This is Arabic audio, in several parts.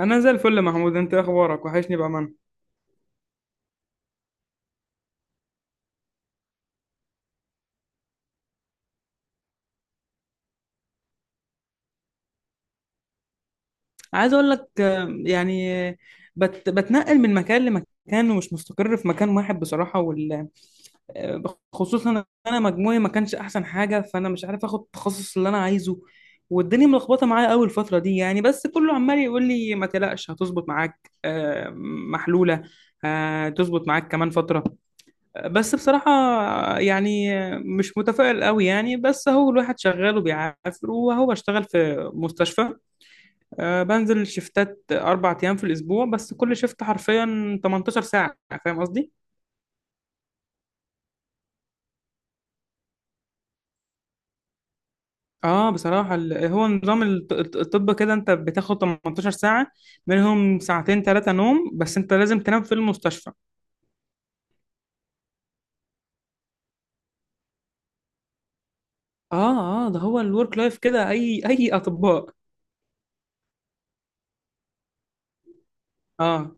انا زي الفل يا محمود، انت إيه اخبارك؟ وحشني بامانه. عايز اقول لك يعني بتنقل من مكان لمكان ومش مستقر في مكان واحد بصراحه وال آه، خصوصا انا مجموعي ما كانش احسن حاجه، فانا مش عارف اخد التخصص اللي انا عايزه. والدنيا ملخبطه معايا قوي الفتره دي يعني، بس كله عمال يقول لي ما تقلقش، هتظبط معاك محلوله، هتظبط معاك كمان فتره. بس بصراحة يعني مش متفائل قوي يعني، بس هو الواحد شغال وبيعافر. وهو بشتغل في مستشفى، بنزل شفتات 4 أيام في الأسبوع بس كل شفت حرفيا 18 ساعة. فاهم قصدي؟ اه بصراحة هو نظام الطب كده، انت بتاخد 18 ساعة، منهم ساعتين ثلاثة نوم، بس انت لازم تنام في المستشفى. اه اه، ده هو الورك لايف كده اي اي اطباء. اه،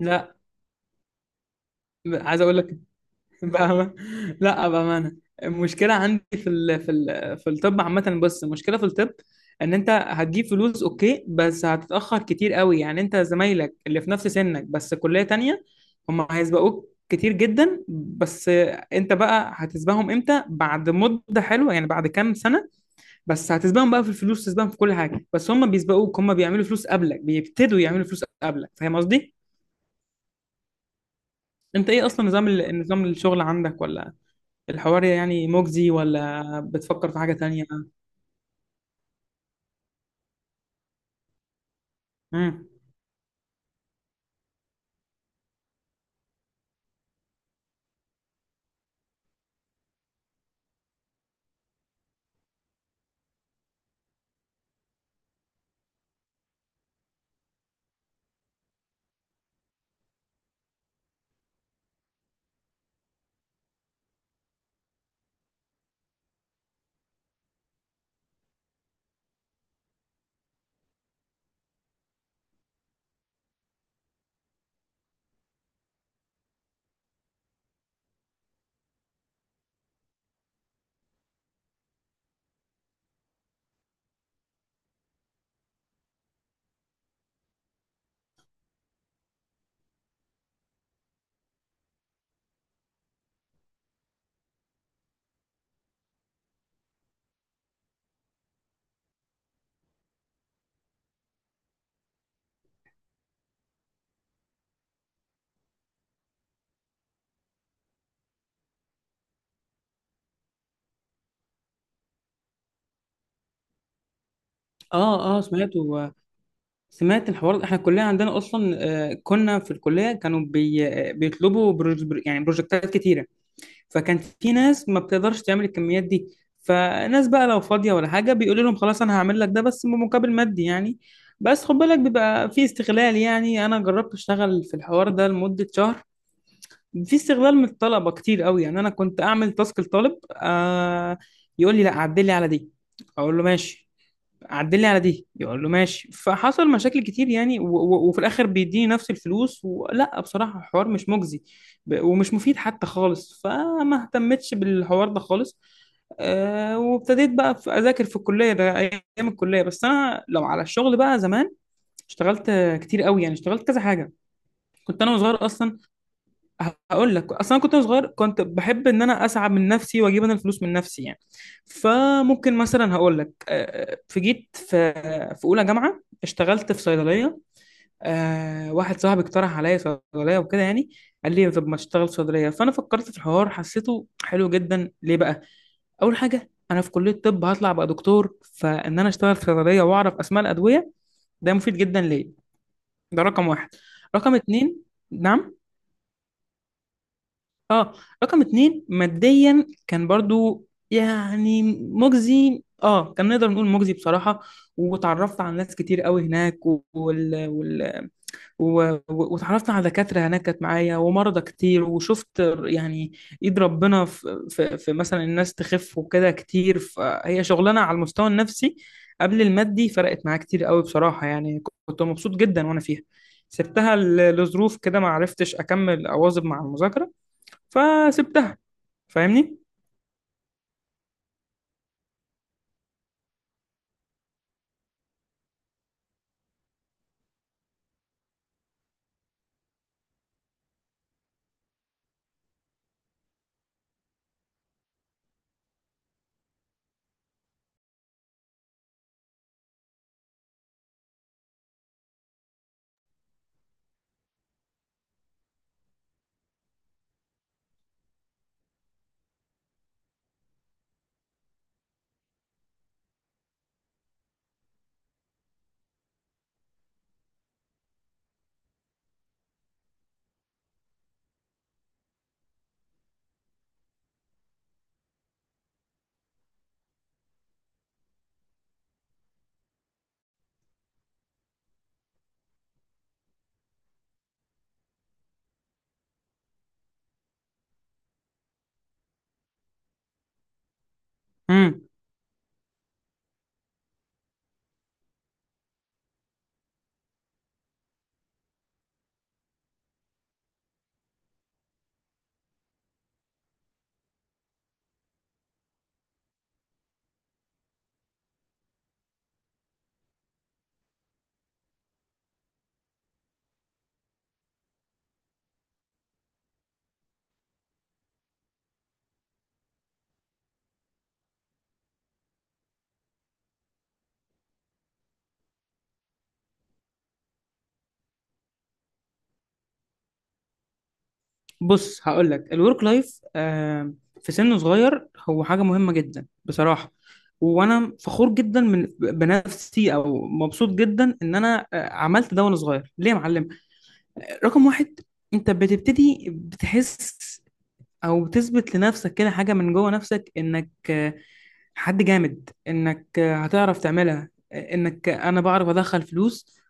لا. عايز اقول لك بأمانة، لا بأمانة، المشكلة عندي في الطب عامة، بس المشكلة في الطب ان انت هتجيب فلوس اوكي، بس هتتأخر كتير قوي يعني. انت زمايلك اللي في نفس سنك بس كلية تانية، هم هيسبقوك كتير جدا. بس انت بقى هتسبقهم امتى؟ بعد مدة حلوة يعني، بعد كام سنة. بس هتسبقهم بقى في الفلوس، تسبقهم في كل حاجة، بس هم بيسبقوك، هم بيعملوا فلوس قبلك، بيبتدوا يعملوا فلوس قبلك. فاهم قصدي؟ انت ايه اصلا نظام الشغل عندك؟ ولا الحوار يعني مجزي، ولا بتفكر في حاجة تانية؟ امم. اه اه سمعته، سمعت الحوار. احنا الكلية عندنا اصلا كنا في الكلية كانوا بي... آه، بيطلبوا يعني بروجكتات كتيرة. فكان في ناس ما بتقدرش تعمل الكميات دي، فناس بقى لو فاضية ولا حاجة بيقولوا لهم خلاص انا هعمل لك ده بس بمقابل مادي يعني. بس خد بالك بيبقى في استغلال، يعني انا جربت اشتغل في الحوار ده لمدة شهر. في استغلال من الطلبه كتير قوي، يعني انا كنت اعمل تاسك لطالب يقول لي لا عدل لي على دي، اقول له ماشي. عدل لي على دي، يقول له ماشي. فحصل مشاكل كتير يعني، و و وفي الاخر بيديني نفس الفلوس، ولا بصراحه الحوار مش مجزي، ومش مفيد حتى خالص، فما اهتمتش بالحوار ده خالص. آه وابتديت بقى اذاكر في الكليه ده ايام الكليه. بس انا لو على الشغل بقى زمان اشتغلت كتير قوي يعني، اشتغلت كذا حاجه، كنت انا وصغير اصلا. هقول لك اصلا أنا كنت وأنا صغير كنت بحب ان انا اسعى من نفسي واجيب انا الفلوس من نفسي يعني. فممكن مثلا هقول لك جيت في في اولى جامعه اشتغلت في صيدليه. واحد صاحبي اقترح عليا صيدليه وكده يعني. قال لي طب ما تشتغل في صيدليه، فانا فكرت في الحوار حسيته حلو جدا. ليه بقى؟ اول حاجه، انا في كليه الطب هطلع بقى دكتور، فان انا اشتغل في صيدليه واعرف اسماء الادويه، ده مفيد جدا ليا، ده رقم واحد. رقم اتنين. نعم. اه، رقم اتنين ماديا كان برضو يعني مجزي، اه كان نقدر نقول مجزي بصراحة. وتعرفت على ناس كتير قوي هناك و... وتعرفت على دكاترة هناك كانت معايا ومرضى كتير، وشفت يعني ايد ربنا في مثلا الناس تخف وكده كتير. فهي شغلانة على المستوى النفسي قبل المادي، فرقت معايا كتير قوي بصراحة يعني، كنت مبسوط جدا وانا فيها. سبتها لظروف كده، ما عرفتش اكمل اواظب مع المذاكرة، فسبتها. فاهمني؟ امم. بص هقول لك، الورك لايف آه في سن صغير هو حاجه مهمه جدا بصراحه. وانا فخور جدا من بنفسي او مبسوط جدا ان انا عملت ده وانا صغير. ليه يا معلم؟ رقم واحد، انت بتبتدي بتحس او بتثبت لنفسك كده حاجه من جوه نفسك انك حد جامد، انك هتعرف تعملها، انك انا بعرف ادخل فلوس.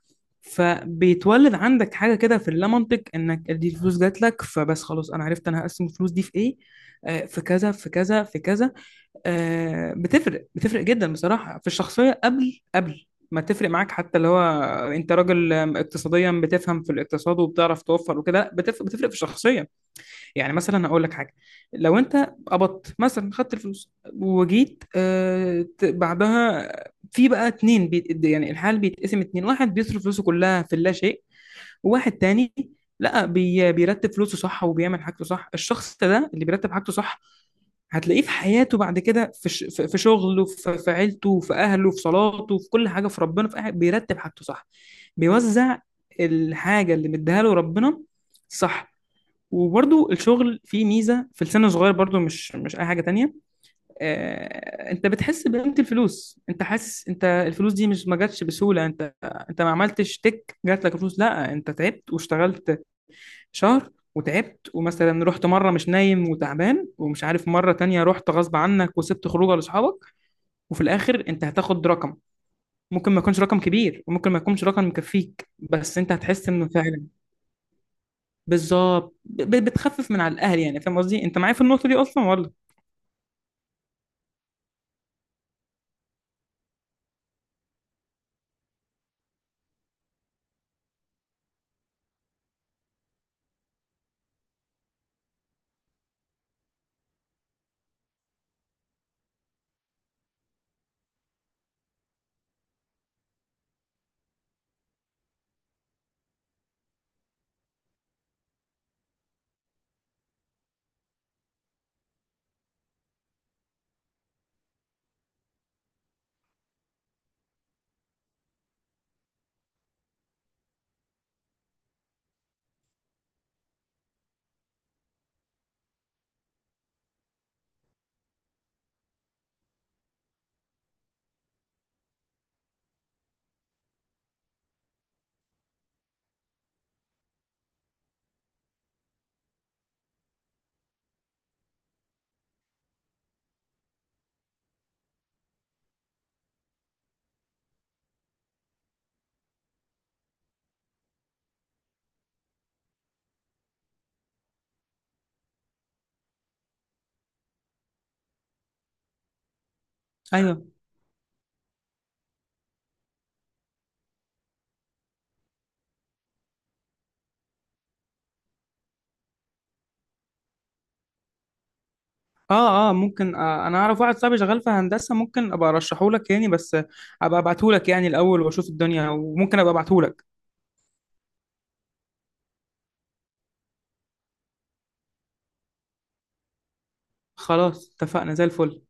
فبيتولد عندك حاجه كده في اللامنطق، انك دي الفلوس جات لك فبس خلاص انا عرفت انا هقسم الفلوس دي في ايه، في كذا في كذا في كذا. بتفرق بتفرق جدا بصراحه في الشخصيه، قبل ما تفرق معاك حتى اللي هو انت راجل اقتصاديا بتفهم في الاقتصاد وبتعرف توفر وكده، لا بتفرق بتفرق في الشخصيه. يعني مثلا هقول لك حاجه، لو انت قبضت مثلا خدت الفلوس وجيت بعدها في بقى اتنين بيت يعني، الحال بيتقسم اتنين، واحد بيصرف فلوسه كلها في اللا شيء، وواحد تاني لا، بيرتب فلوسه صح وبيعمل حاجته صح. الشخص ده اللي بيرتب حاجته صح هتلاقيه في حياته بعد كده في شغله، في عيلته، في اهله، في صلاته، في كل حاجه، في ربنا، بيرتب حاجته صح، بيوزع الحاجه اللي مديها له ربنا صح. وبرضو الشغل فيه ميزة في السن الصغير، برضو مش أي حاجة تانية. أنت بتحس بقيمة الفلوس، أنت حاسس أنت الفلوس دي مش ما جاتش بسهولة، أنت ما عملتش تك جات لك فلوس. لا، أنت تعبت واشتغلت شهر وتعبت، ومثلا رحت مرة مش نايم وتعبان ومش عارف، مرة تانية رحت غصب عنك وسبت خروجه لأصحابك. وفي الآخر أنت هتاخد رقم، ممكن ما يكونش رقم كبير وممكن ما يكونش رقم مكفيك، بس أنت هتحس إنه فعلا بالظبط. بتخفف من على الاهل يعني. فاهم قصدي؟ انت معايا في النقطه دي اصلا ولا؟ ايوه. اه اه ممكن، آه انا اعرف واحد صاحبي شغال في هندسه ممكن ابقى ارشحه لك يعني، بس ابقى ابعته لك يعني الاول واشوف الدنيا وممكن ابقى ابعته لك. خلاص اتفقنا، زي الفل.